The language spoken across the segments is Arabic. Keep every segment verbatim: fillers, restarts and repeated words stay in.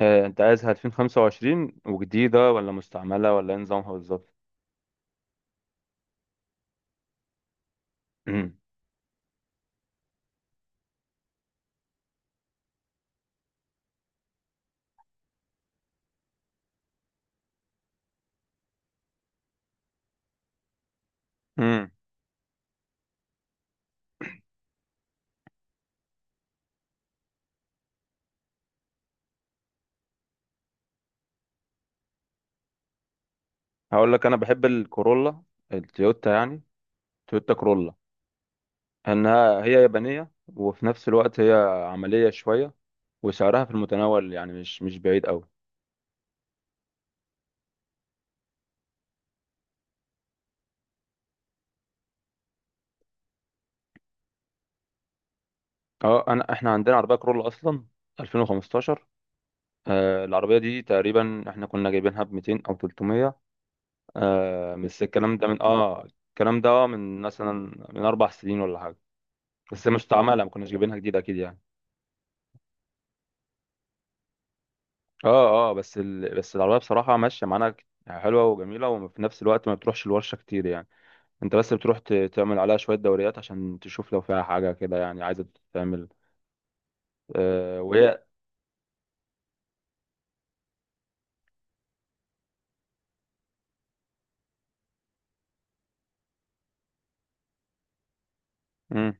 آه، انت عايزها ألفين وخمسة وعشرين وجديدة ولا مستعملة ولا ايه نظامها بالظبط؟ امم هقول لك انا بحب الكورولا، التويوتا يعني، تويوتا كورولا. انها هي يابانية، وفي نفس الوقت هي عملية شوية، وسعرها في المتناول يعني مش مش بعيد قوي. اه انا احنا عندنا عربية كورولا اصلا، ألفين وخمسة عشر. آه العربية دي تقريبا احنا كنا جايبينها ب مئتين او تلتمية. آه بس الكلام ده من اه الكلام ده من مثلا من اربع سنين ولا حاجة. بس مستعمله، ما كناش جايبينها جديده اكيد يعني. اه اه بس ال... بس العربيه بصراحه ماشيه معانا، ك- يعني حلوه وجميله، وفي نفس الوقت ما بتروحش الورشه كتير يعني. انت بس بتروح ت... تعمل عليها شويه دوريات عشان تشوف لو فيها حاجه كده يعني عايزه تتعمل. آه وهي مم.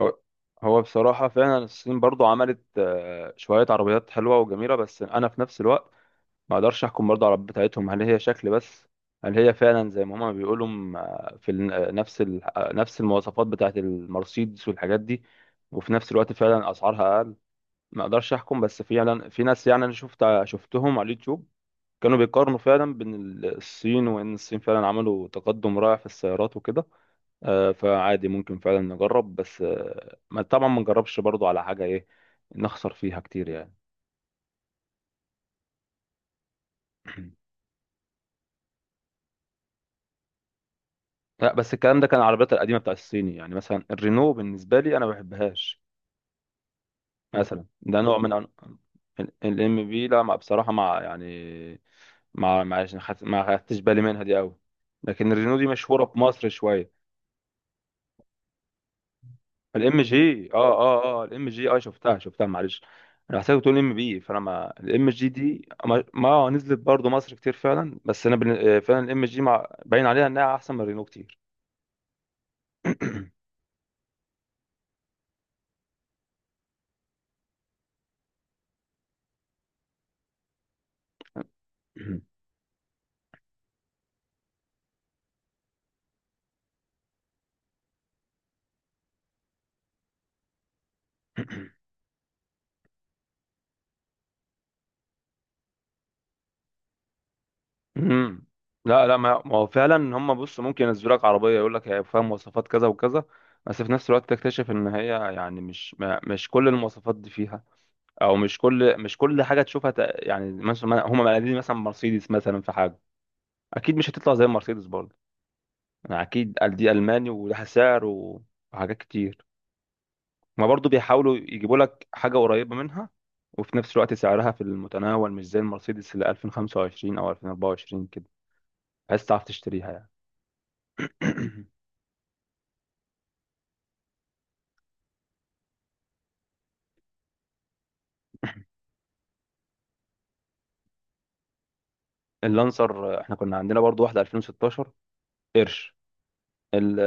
هو... هو بصراحه فعلا الصين برضو عملت آه شويه عربيات حلوه وجميله. بس انا في نفس الوقت ما اقدرش احكم برضه على العربيات بتاعتهم، هل هي شكل بس؟ هل هي فعلا زي ما هما بيقولوا م- في ال- نفس ال... نفس المواصفات بتاعت المرسيدس والحاجات دي، وفي نفس الوقت فعلا اسعارها اقل؟ ما اقدرش احكم. بس فعلا في ناس، يعني انا شفت شفتهم على اليوتيوب كانوا بيقارنوا فعلا بين ال- الصين، وان الصين فعلا عملوا تقدم رائع في السيارات وكده. آه، فعادي ممكن فعلا نجرب، بس آه، ما طبعا ما نجربش برضه على حاجة ايه نخسر فيها كتير يعني. لا، بس الكلام ده كان العربيات القديمه بتاع الصيني، يعني مثلا الرينو بالنسبه لي انا ما بحبهاش مثلا، ده نوع من الام بي. لا، مع بصراحه مع يعني مع مع، ما خدتش بالي منها دي قوي، لكن الرينو دي مشهوره في مصر شويه. الام جي اه اه اه الام جي اه، شفتها شفتها، معلش انا حسيت بتقول ام بي. فانا ما الام جي دي ما ما نزلت برضو مصر كتير فعلا، بس انا بن- فعلا الام جي مع، باين عليها انها احسن من الرينو كتير. امم لا، لا، ما ما هو فعلا هم، بص، ممكن ينزلوا لك عربيه يقول لك هي فيها مواصفات كذا وكذا، بس في نفس الوقت تكتشف ان هي يعني مش ما مش كل المواصفات دي فيها، او مش كل مش كل حاجه تشوفها. ت- يعني مثلا هم مقلدين مثلا مرسيدس، مثلا في حاجه اكيد مش هتطلع زي مرسيدس برضه. يعني اكيد، قال دي الماني ولها سعر و- وحاجات كتير. ما برضه بيحاولوا يجيبوا لك حاجه قريبه منها، وفي نفس الوقت سعرها في المتناول، مش زي المرسيدس اللي ألفين وخمسة وعشرين او ألفين واربعة وعشرين كده، بحيث تعرف تشتريها يعني. اللانسر، احنا كنا عندنا برضو واحدة ألفين وستاشر قرش. ال-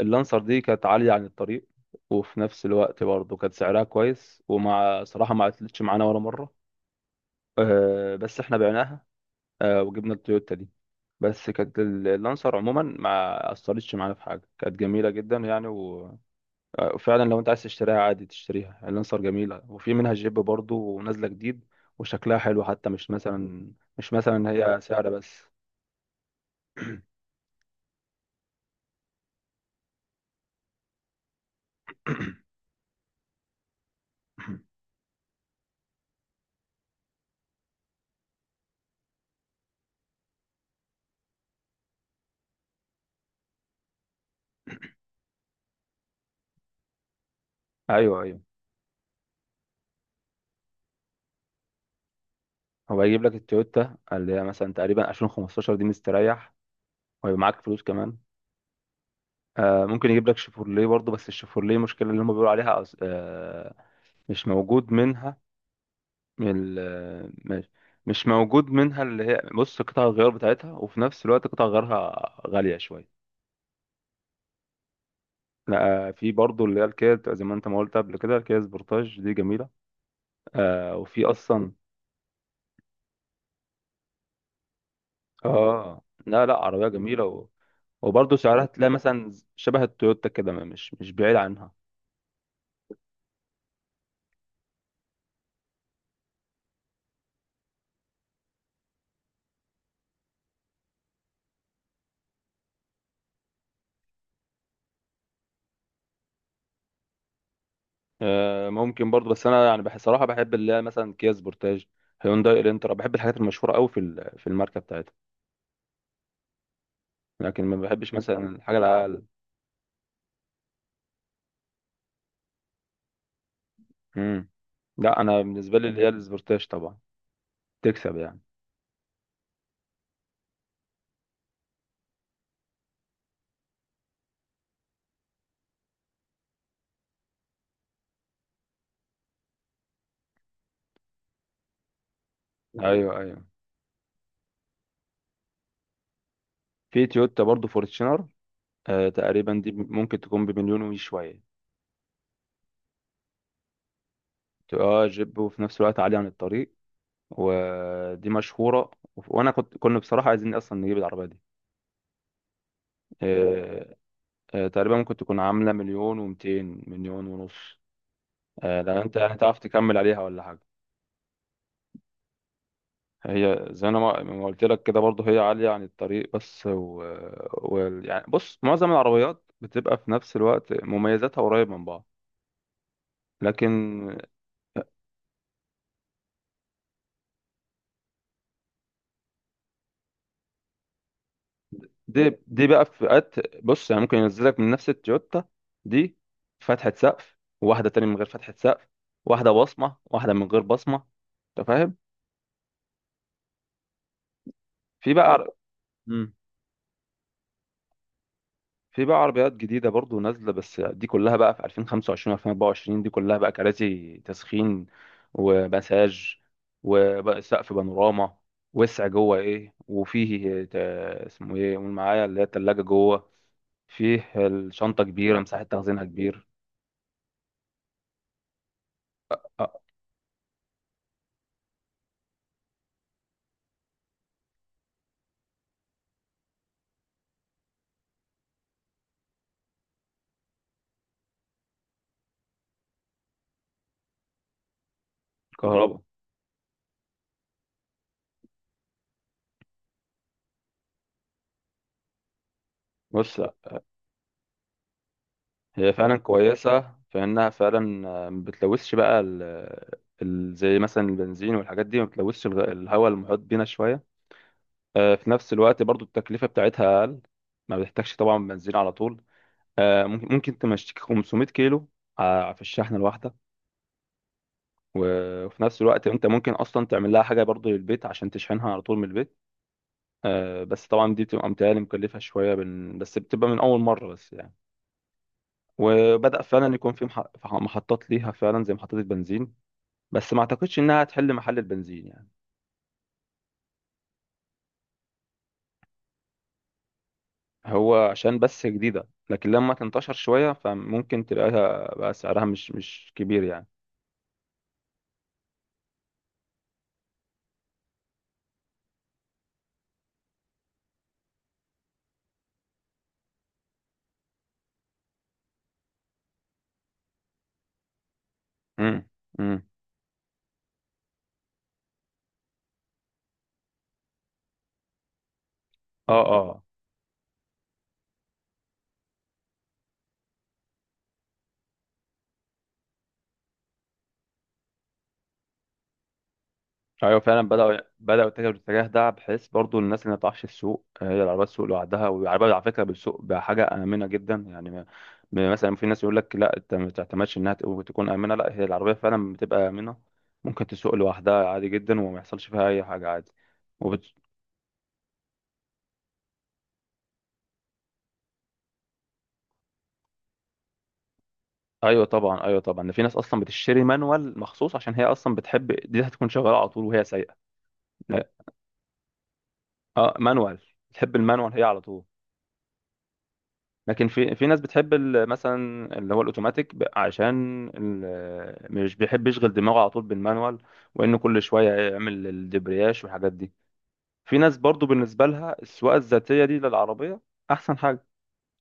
اللانسر دي كانت عالية عن الطريق، وفي نفس الوقت برضو كانت سعرها كويس، ومع صراحة ما عطلتش معانا ولا مرة. اه، بس احنا بعناها، اه، وجبنا التويوتا دي. بس كانت ال- اللانسر عموما ما أثرتش معانا في حاجة، كانت جميلة جدا يعني و- اه، وفعلا لو انت عايز تشتريها عادي تشتريها، اللانسر جميلة وفي منها جيب برضو، ونازلة جديد وشكلها حلو، حتى مش مثلا مش مثلا هي سعر بس. ايوه، ايوه، هو هيجيب لك التويوتا، اللي هي مثلا تقريبا ألفين وخمستاشر دي، مستريح، وهيبقى معاك فلوس كمان. آه ممكن يجيب لك شيفورليه برضه، بس الشيفورليه المشكلة اللي هم بيقولوا عليها أص- آه مش موجود منها. ال- آه، مش مش موجود منها، اللي هي بص قطع الغيار بتاعتها، وفي نفس الوقت قطع غيارها غالية شوية. لا، آه، في برضه اللي هي الكيا، بتبقى زي ما انت ما قلت قبل كده، الكيا سبورتاج دي جميلة، آه وفي أصلا. اه لا، لا، عربية جميلة و... وبرضه سعرها تلاقي مثلا شبه التويوتا كده، ما- مش مش بعيد عنها. آه، ممكن برضو، بس انا يعني بحس صراحه بحب اللي هي مثلا كيا سبورتاج، هيونداي الانترا، بحب الحاجات المشهوره قوي في ال- في الماركه بتاعتها، لكن ما بحبش مثلا الحاجه الاقل. امم لا، انا بالنسبه لي اللي هي السبورتاج طبعا تكسب يعني. ايوه، ايوه، في تويوتا برضو فورتشنر. آه تقريبا دي ممكن تكون بمليون وشويه. اه جيب، وفي نفس الوقت عاليه عن الطريق، ودي مشهوره، وانا كنت كنا بصراحه عايزين اصلا نجيب العربيه دي. آه آه تقريبا ممكن تكون عامله مليون و200، مليون ونص. آه، لان انت يعني تعرف تكمل عليها ولا حاجه. هي زي انا ما ما قلت لك كده برضه، هي عاليه عن الطريق بس و... و... يعني بص، معظم العربيات بتبقى في نفس الوقت مميزاتها قريب من بعض. لكن دي دي بقى في فئات. بص، يعني ممكن ينزلك من نفس التويوتا دي فتحة سقف، وواحده تانية من غير فتحة سقف، واحده بصمه، واحده من غير بصمه، انت فاهم. في بقى. مم. في بقى عربيات جديدة برضو نازلة، بس دي كلها بقى في ألفين وخمسة وعشرين و2024، دي كلها بقى كراسي تسخين، ومساج، وبقى سقف بانوراما، وسع جوه. ايه وفيه تا- اسمه ايه؟ قول معايا، اللي هي التلاجة جوه. فيه الشنطة كبيرة، مساحة تخزينها كبير. آه، كهرباء، بص هي فعلا كويسة، فإنها فعلا آه، ما بتلوثش بقى ال... ال... زي مثلا البنزين والحاجات دي، ما بتلوثش الغ- الهواء المحيط بينا شوية. آه، في نفس الوقت برضو التكلفة بتاعتها أقل، ما بتحتاجش طبعا بنزين على طول. آه، ممكن ممكن تمشيك خمسمية كيلو ع- في الشحنة الواحدة، و- وفي نفس الوقت انت ممكن اصلا تعمل لها حاجة برضو للبيت عشان تشحنها على طول من البيت. آه، بس طبعا دي بتبقى متهيألي مكلفة شوية، بن... بس بتبقى من أول مرة بس يعني. وبدأ فعلا يكون في مح... في محطات ليها فعلا زي محطات البنزين، بس ما اعتقدش انها هتحل محل البنزين يعني. هو عشان بس جديدة، لكن لما تنتشر شوية فممكن تلاقيها بقى سعرها مش مش كبير يعني. امم امم اه اه ايوه فعلا، بداوا بداوا يتجهوا الاتجاه ده، بحيث برضو الناس اللي ما تعرفش السوق، آه، هي العربيات السوق لوحدها، والعربيات على فكره بالسوق بحاجه امنه جدا يعني. ما- ما- مثلا في ناس يقول لك لا، انت ما تعتمدش انها تبقى- تكون امنه، لا هي العربيه فعلا بتبقى امنه، ممكن تسوق لوحدها عادي جدا، وما يحصلش فيها اي حاجه عادي وبت... ايوه طبعا، ايوه طبعا، ده في ناس اصلا بتشتري مانوال مخصوص عشان هي اصلا بتحب دي، هتكون شغاله على طول وهي سايقه. لا، اه مانوال، بتحب المانوال هي على طول. لكن في في ناس بتحب ال- مثلا اللي هو الاوتوماتيك، ب- عشان ال- مش بيحب يشغل دماغه على طول بالمانوال، وانه كل شويه يعمل الدبرياش والحاجات دي. في ناس برضو بالنسبه لها السواقه الذاتيه دي للعربيه احسن حاجه.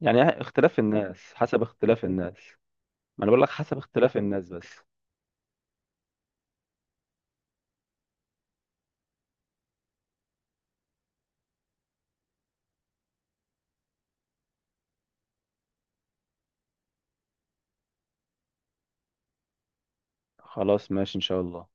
يعني اختلاف الناس حسب اختلاف الناس. ما انا بقول لك حسب اختلاف الناس بس. خلاص، ماشي ان شاء الله.